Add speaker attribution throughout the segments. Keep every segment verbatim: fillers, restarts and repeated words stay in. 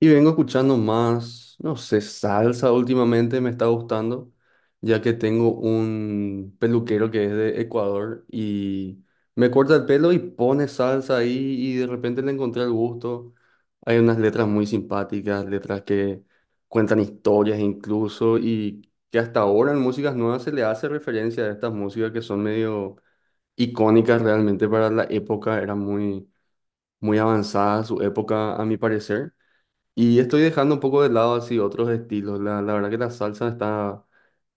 Speaker 1: Y vengo escuchando más, no sé, salsa últimamente me está gustando, ya que tengo un peluquero que es de Ecuador y me corta el pelo y pone salsa ahí y de repente le encontré el gusto. Hay unas letras muy simpáticas, letras que cuentan historias incluso y que hasta ahora en músicas nuevas se le hace referencia a estas músicas que son medio icónicas realmente para la época, era muy, muy avanzada su época a mi parecer. Y estoy dejando un poco de lado así otros estilos. La, la verdad que la salsa está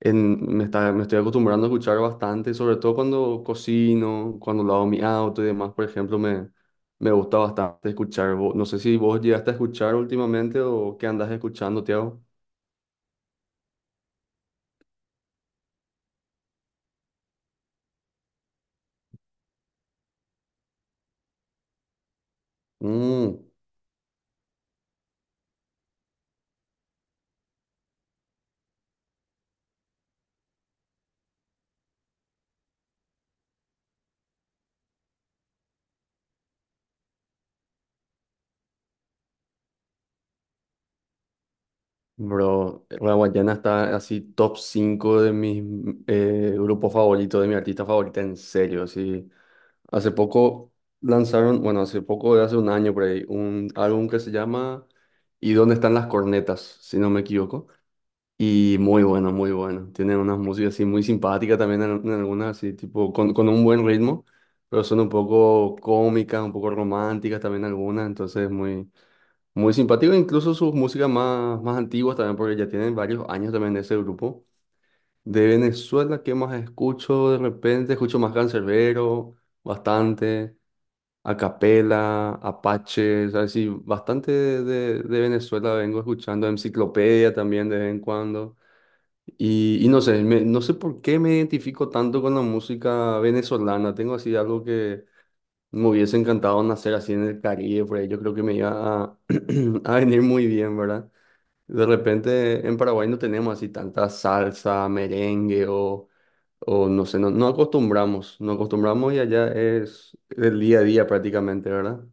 Speaker 1: en, me está, me estoy acostumbrando a escuchar bastante, sobre todo cuando cocino, cuando lavo mi auto y demás, por ejemplo, me, me gusta bastante escuchar. Vo- No sé si vos llegaste a escuchar últimamente o qué andas escuchando, Tiago. Mm, bro, la Guayana está así top cinco de mis mm, eh, grupos favoritos, de mi artista favorita, en serio, así. Hace poco lanzaron, bueno, hace poco, de hace un año por ahí, un álbum que se llama ¿Y dónde están las cornetas? Si no me equivoco. Y muy bueno, muy bueno. Tienen unas músicas así muy simpáticas también en, en algunas, así tipo con, con un buen ritmo, pero son un poco cómicas, un poco románticas también algunas, entonces muy, muy simpático. Incluso sus músicas más, más antiguas también, porque ya tienen varios años también de ese grupo. De Venezuela, ¿qué más escucho? De repente escucho más Canserbero, bastante. Acapela, Apache, o sea, sí, bastante de, de- de Venezuela vengo escuchando, Enciclopedia también de vez en cuando. Y, y no sé, me- no sé por qué me identifico tanto con la música venezolana. Tengo así algo que me hubiese encantado nacer así en el Caribe, por ahí yo creo que me iba a, a venir muy bien, ¿verdad? De repente en Paraguay no tenemos así tanta salsa, merengue o, o no sé, no, no acostumbramos, no acostumbramos y allá es el día a día prácticamente, ¿verdad?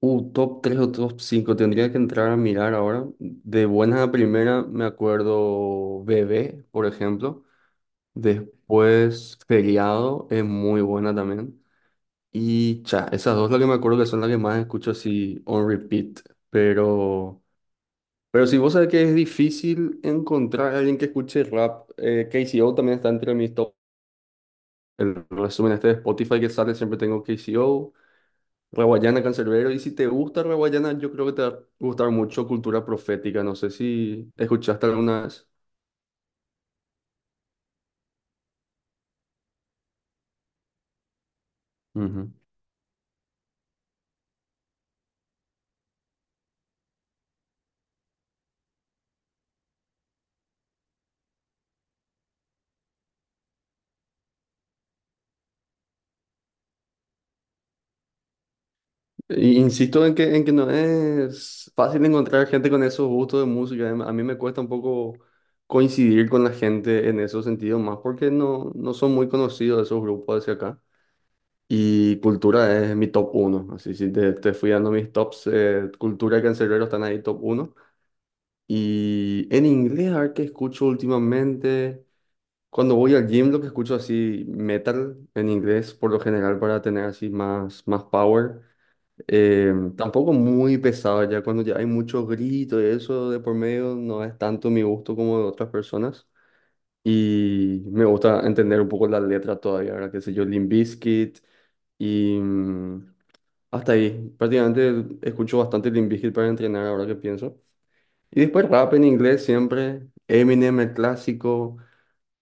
Speaker 1: Uh, top tres o top cinco tendría que entrar a mirar ahora. De buenas a primera me acuerdo Bebé, por ejemplo. Después Feriado es muy buena también. Y cha, esas dos las que me acuerdo que son las que más escucho así on repeat. Pero, pero si vos sabés que es difícil encontrar a alguien que escuche rap, eh, K C O también está entre mis top. El resumen este de Spotify que sale siempre tengo K C O. Raguayana, Cancerbero, y si te gusta Raguayana, yo creo que te va a gustar mucho Cultura Profética, no sé si escuchaste alguna vez. Ujú. Y insisto en que, en que no es fácil encontrar gente con esos gustos de música. A mí me cuesta un poco coincidir con la gente en esos sentidos, más porque no, no son muy conocidos esos grupos hacia acá. Y Cultura es mi top uno. Así si te, te fui dando mis tops, eh, Cultura y Canserbero están ahí top uno. Y en inglés, a ver qué escucho últimamente. Cuando voy al gym, lo que escucho así metal en inglés, por lo general para tener así más, más power. Eh, tampoco muy pesado ya, cuando ya hay mucho grito y eso de por medio, no es tanto mi gusto como de otras personas. Y me gusta entender un poco la letra todavía, ahora qué sé yo, Limp Bizkit y mm, hasta ahí. Prácticamente escucho bastante Limp Bizkit para entrenar ahora que pienso. Y después rap en inglés siempre, Eminem el clásico.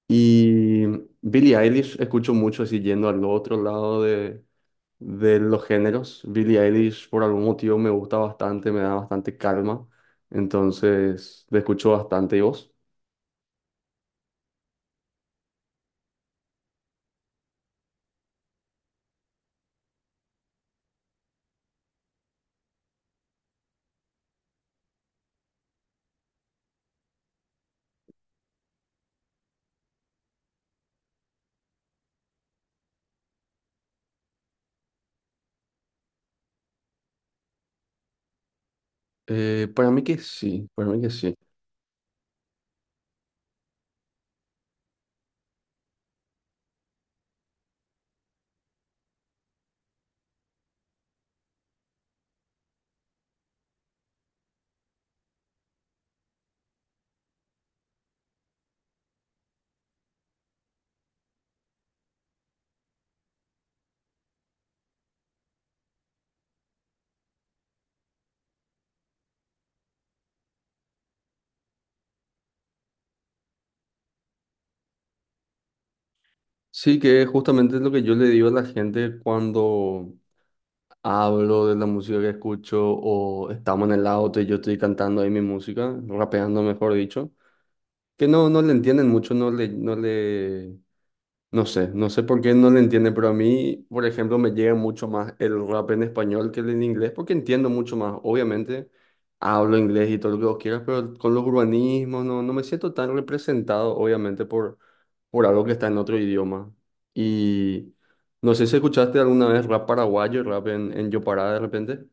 Speaker 1: Y Billie Eilish escucho mucho así yendo al otro lado de, de los géneros. Billie Eilish por algún motivo me gusta bastante, me da bastante calma. Entonces, le escucho bastante. ¿Y vos? Eh, para mí que sí, para mí que sí. Sí, que es justamente lo que yo le digo a la gente cuando hablo de la música que escucho o estamos en el auto y yo estoy cantando ahí mi música, rapeando mejor dicho, que no, no le entienden mucho, no le, no le, No sé, no sé por qué no le entiende, pero a mí, por ejemplo, me llega mucho más el rap en español que el en inglés, porque entiendo mucho más. Obviamente, hablo inglés y todo lo que vos quieras, pero con los urbanismos no, no me siento tan representado, obviamente, por, por algo que está en otro idioma. Y no sé si escuchaste alguna vez rap paraguayo, rap en, en Yopará de repente.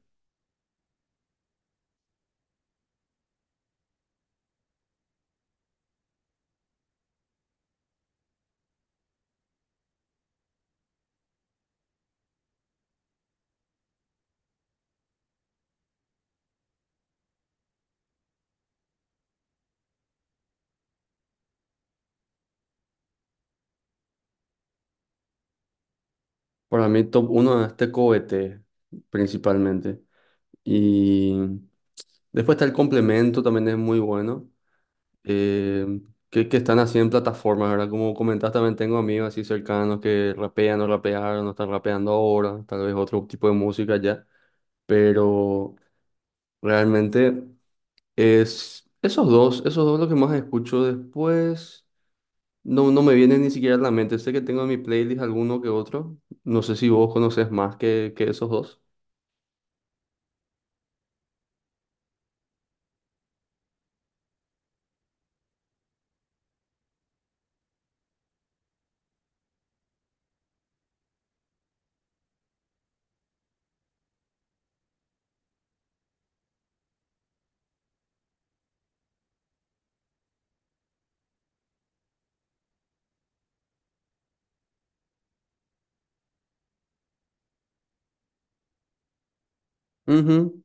Speaker 1: Para mí, top uno es Tecoete, principalmente. Y después está el complemento, también es muy bueno. Eh, que, que están así en plataformas, ¿verdad? Como comentaste, también tengo amigos así cercanos que rapean o rapearon, no están rapeando ahora, tal vez otro tipo de música ya, pero realmente es esos dos, esos dos lo que más escucho después. No, no me vienen ni siquiera a la mente. Sé que tengo en mi playlist alguno que otro. No sé si vos conoces más que, que esos dos. Ujú.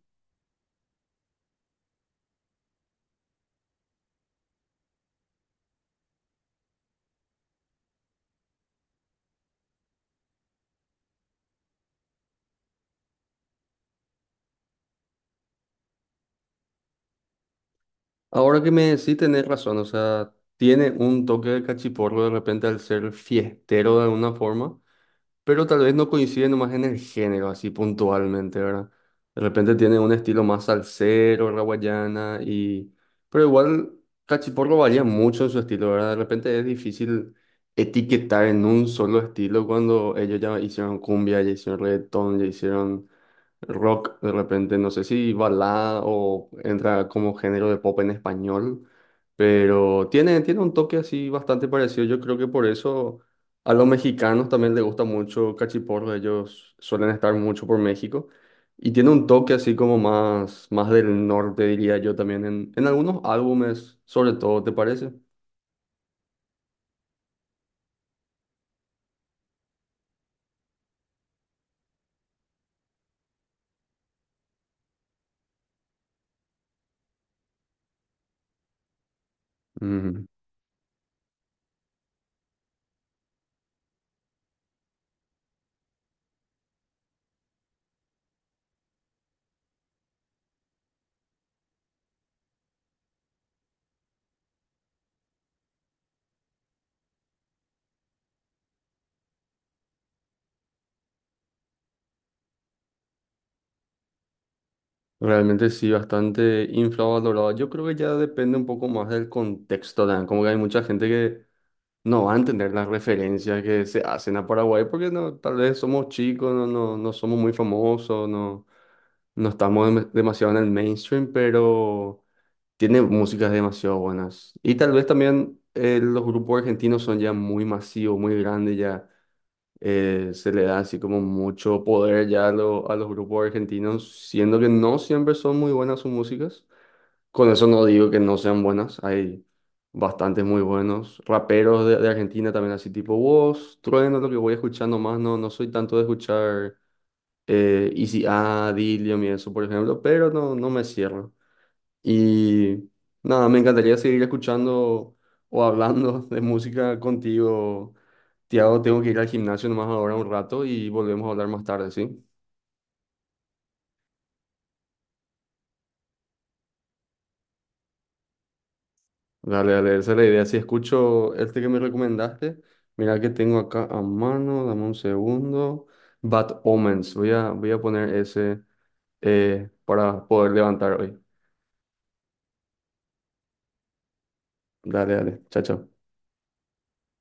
Speaker 1: Ahora que me sí tenés razón, o sea, tiene un toque de cachiporro de repente al ser fiestero de alguna forma, pero tal vez no coincide nomás en el género, así puntualmente, ¿verdad? De repente tiene un estilo más salsero, la guayana, y... Pero igual cachiporro varía mucho en su estilo, ¿verdad? De repente es difícil etiquetar en un solo estilo cuando ellos ya hicieron cumbia, ya hicieron reggaetón, ya hicieron rock de repente, no sé si balada o entra como género de pop en español, pero tiene, tiene un toque así bastante parecido. Yo creo que por eso a los mexicanos también les gusta mucho Cachiporro, ellos suelen estar mucho por México y tiene un toque así como más, más del norte, diría yo también, en, en algunos álbumes, sobre todo, ¿te parece? Mm. Realmente sí, bastante infravalorado. Yo creo que ya depende un poco más del contexto, Dan. Como que hay mucha gente que no van a entender las referencias que se hacen a Paraguay porque no, tal vez somos chicos, no, no, no somos muy famosos, no, no estamos dem- demasiado en el mainstream, pero tiene músicas demasiado buenas. Y tal vez también eh, los grupos argentinos son ya muy masivos, muy grandes, ya eh, se le da así como mucho poder ya a, lo- a los grupos argentinos, siendo que no siempre son muy buenas sus músicas. Con eso no digo que no sean buenas, hay bastantes muy buenos. Raperos de, de Argentina también así tipo vos, Trueno, lo que voy escuchando más, no, no soy tanto de escuchar eh, Easy A, Dilium y eso, por ejemplo, pero no, no me cierro. Y nada, me encantaría seguir escuchando o hablando de música contigo. Tiago, tengo que ir al gimnasio nomás ahora un rato y volvemos a hablar más tarde, ¿sí? Dale, dale, esa es la idea. Si escucho este que me recomendaste, mira que tengo acá a mano, dame un segundo. Bad Omens, voy a, voy a poner ese eh, para poder levantar hoy. Dale, dale, chao, chao.